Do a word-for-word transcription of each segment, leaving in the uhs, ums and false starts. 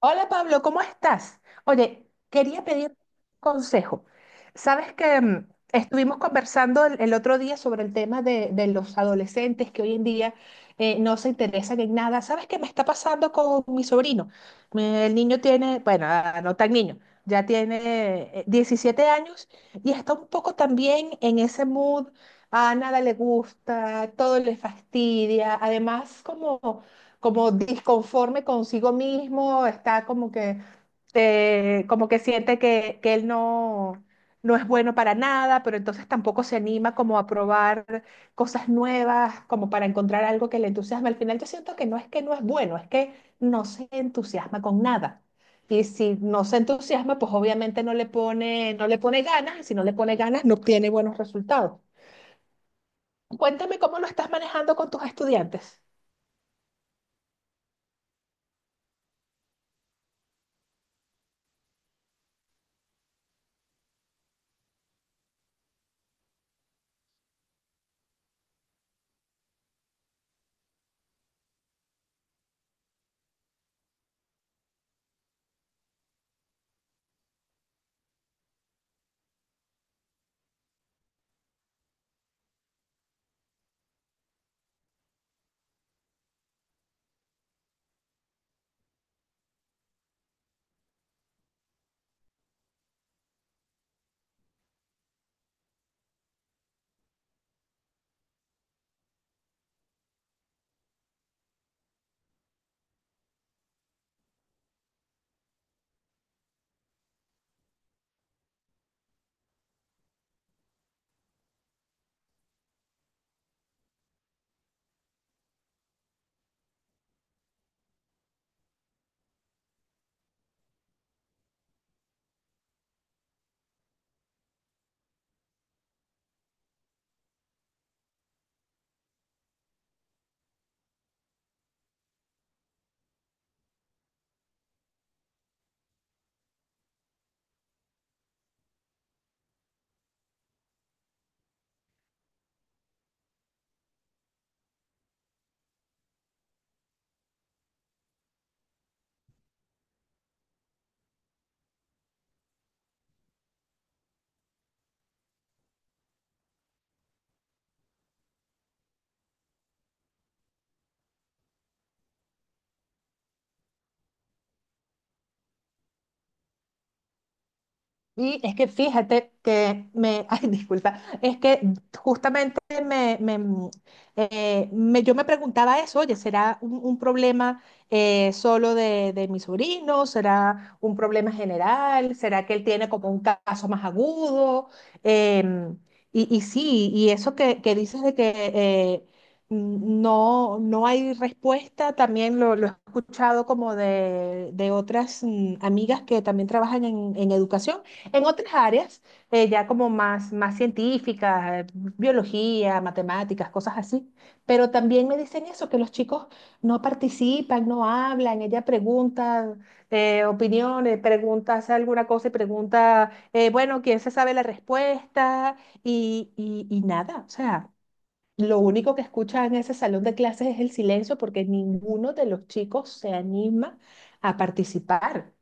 Hola Pablo, ¿cómo estás? Oye, quería pedir consejo. Sabes que mm, estuvimos conversando el, el otro día sobre el tema de, de los adolescentes que hoy en día eh, no se interesan en nada. ¿Sabes qué me está pasando con mi sobrino? Me- el niño tiene, bueno, ah, no tan niño, ya tiene eh, diecisiete años y está un poco también en ese mood. A nada le gusta, todo le fastidia. Además, como como disconforme consigo mismo, está como que, eh, como que siente que, que él no, no es bueno para nada, pero entonces tampoco se anima como a probar cosas nuevas, como para encontrar algo que le entusiasme. Al final yo siento que no es que no es bueno, es que no se entusiasma con nada. Y si no se entusiasma, pues obviamente no le pone, no le pone ganas, y si no le pone ganas, no obtiene buenos resultados. Cuéntame cómo lo estás manejando con tus estudiantes. Y es que fíjate que me, ay, disculpa, es que justamente me, me, mm, eh, me- yo me preguntaba eso, oye, ¿será un, un problema eh, solo de, de mi sobrino? ¿Será un problema general? ¿Será que él tiene como un caso más agudo? Em, y, y sí, y eso que, que dices de que eh, mm, no, no hay respuesta, también lo, lo he escuchado como de, de otras mm, amigas que también trabajan en en educación en otras áreas, eh, ya como más, más científicas, eh, biología, matemáticas, cosas así. Pero también me dicen eso, que los chicos no participan, no hablan, ella pregunta eh, opiniones, pregunta, hace alguna cosa y pregunta, eh, bueno, ¿quién se sabe la respuesta? Y, y, y nada, o sea, lo único que escucha en ese salón de clases es el silencio porque ninguno de los chicos se anima a participar.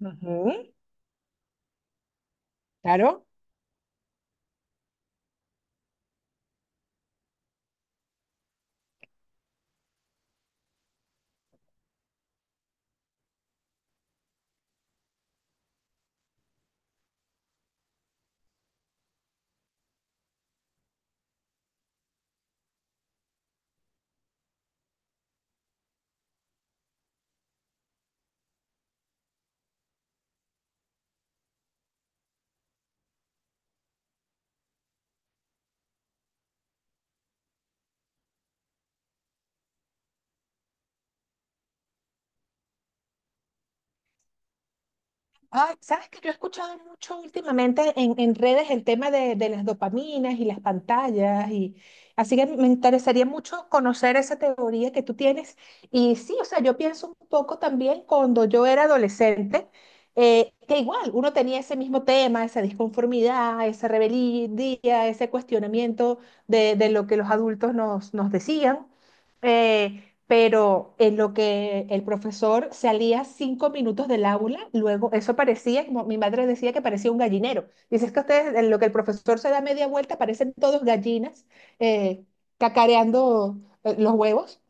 Ujú. Claro. Ay, sabes que yo he escuchado mucho últimamente en, en redes el tema de, de las dopaminas y las pantallas y así que me interesaría mucho conocer esa teoría que tú tienes. Y sí, o sea, yo pienso un poco también cuando yo era adolescente, eh, que igual uno tenía ese mismo tema, esa disconformidad, esa rebeldía, ese cuestionamiento de, de lo que los adultos nos, nos decían. Eh, pero en lo que el profesor salía cinco minutos del aula, luego eso parecía, como mi madre decía, que parecía un gallinero. Dice es que ustedes, en lo que el profesor se da media vuelta, parecen todos gallinas eh, cacareando eh, los huevos.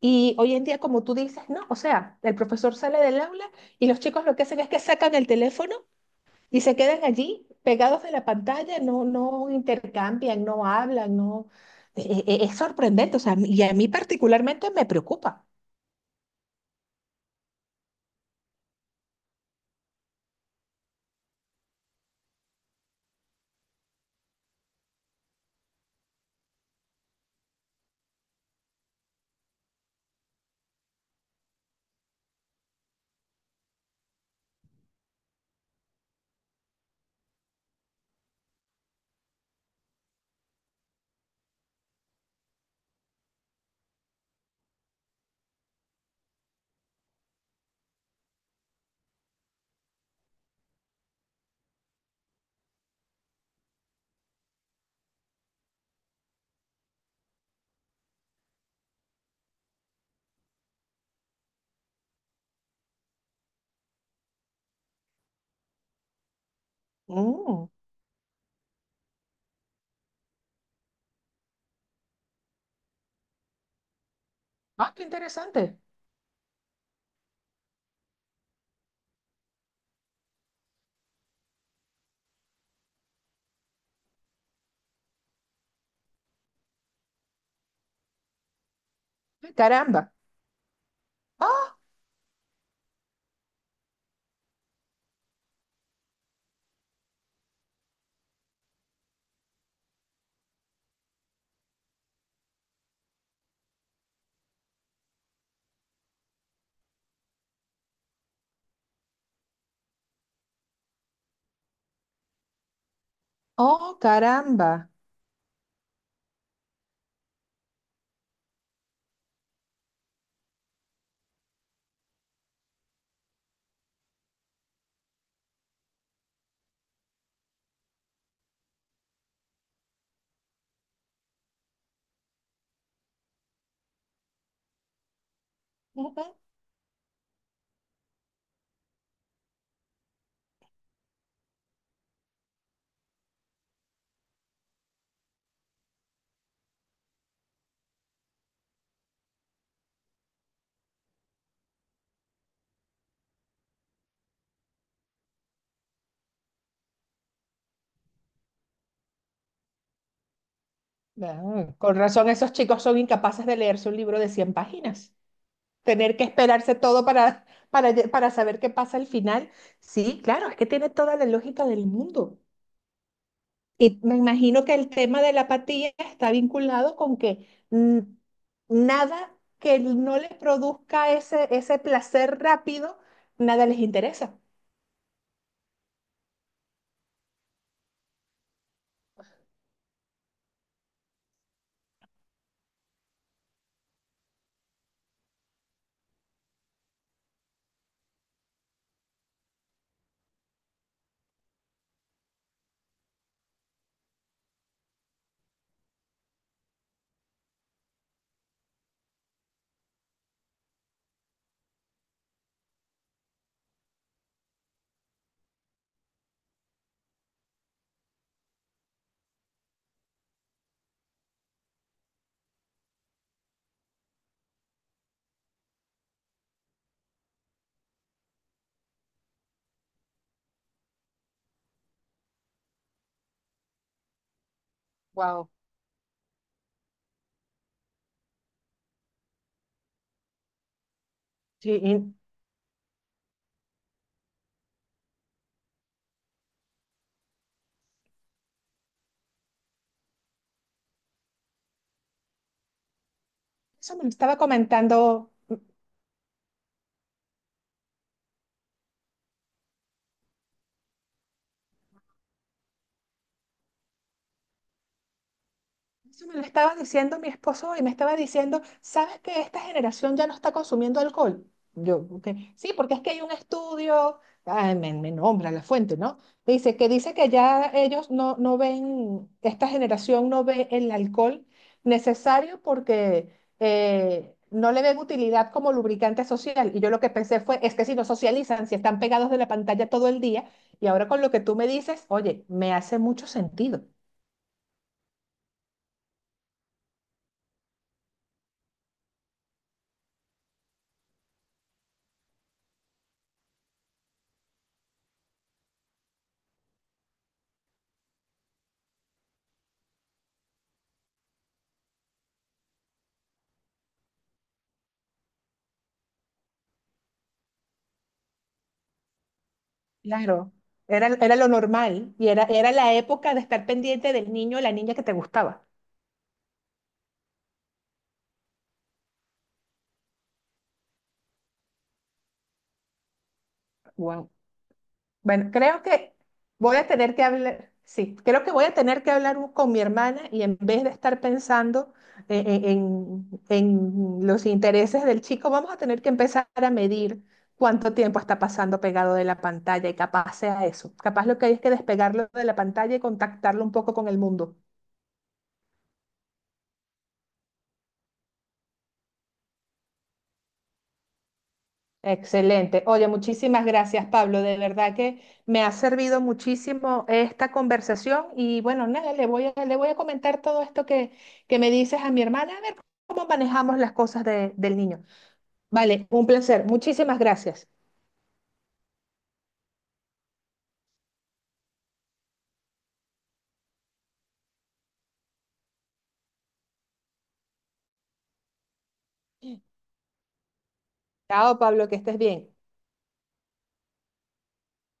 Y hoy en día, como tú dices, no, o sea, el profesor sale del aula y los chicos lo que hacen es que sacan el teléfono y se quedan allí pegados de la pantalla, no, no intercambian, no hablan, no. e- e- Es sorprendente, o sea, y a mí particularmente me preocupa. Mm. Ah, qué interesante. Ay, caramba. Ah, oh, caramba. Ujú. Ah, con razón, esos chicos son incapaces de leerse un libro de cien páginas. Tener que esperarse todo para, para, lle- para saber qué pasa al final. Sí, claro, es que tiene toda la lógica del mundo. Y me imagino que el tema de la apatía está vinculado con que mm, nada que no les produzca ese, ese placer rápido, nada les interesa. Wow. Sí. Eso me lo estaba comentando, eso me lo estaba diciendo mi esposo y me estaba diciendo, ¿sabes que esta generación ya no está consumiendo alcohol? Yo, "Ok". Sí, porque es que hay un estudio, ay, me, me nombra la fuente, ¿no? Dice que dice que ya ellos no, no ven, esta generación no ve el alcohol necesario porque eh, no le ven utilidad como lubricante social. Y yo lo que pensé fue, es que si no socializan, si están pegados de la pantalla todo el día, y ahora con lo que tú me dices, oye, me hace mucho sentido. Claro, era, era lo normal y era, era la época de estar pendiente del niño o la niña que te gustaba. Wow. Bueno, creo que voy a tener que hablar, sí, creo que voy a tener que hablar un- con mi hermana y en vez de estar pensando eh, eh, en, en los intereses del chico, vamos a tener que empezar a medir cuánto tiempo está pasando pegado de la pantalla y capaz sea eso. Capaz lo que hay es que despegarlo de la pantalla y contactarlo un poco con el mundo. Excelente. Oye, muchísimas gracias, Pablo. De verdad que me ha servido muchísimo esta conversación y bueno, nada, le voy a, le voy a comentar todo esto que, que me dices a mi hermana, a ver cómo manejamos las cosas de- del niño. Vale, un placer. Muchísimas gracias. Chao, Pablo, que estés bien.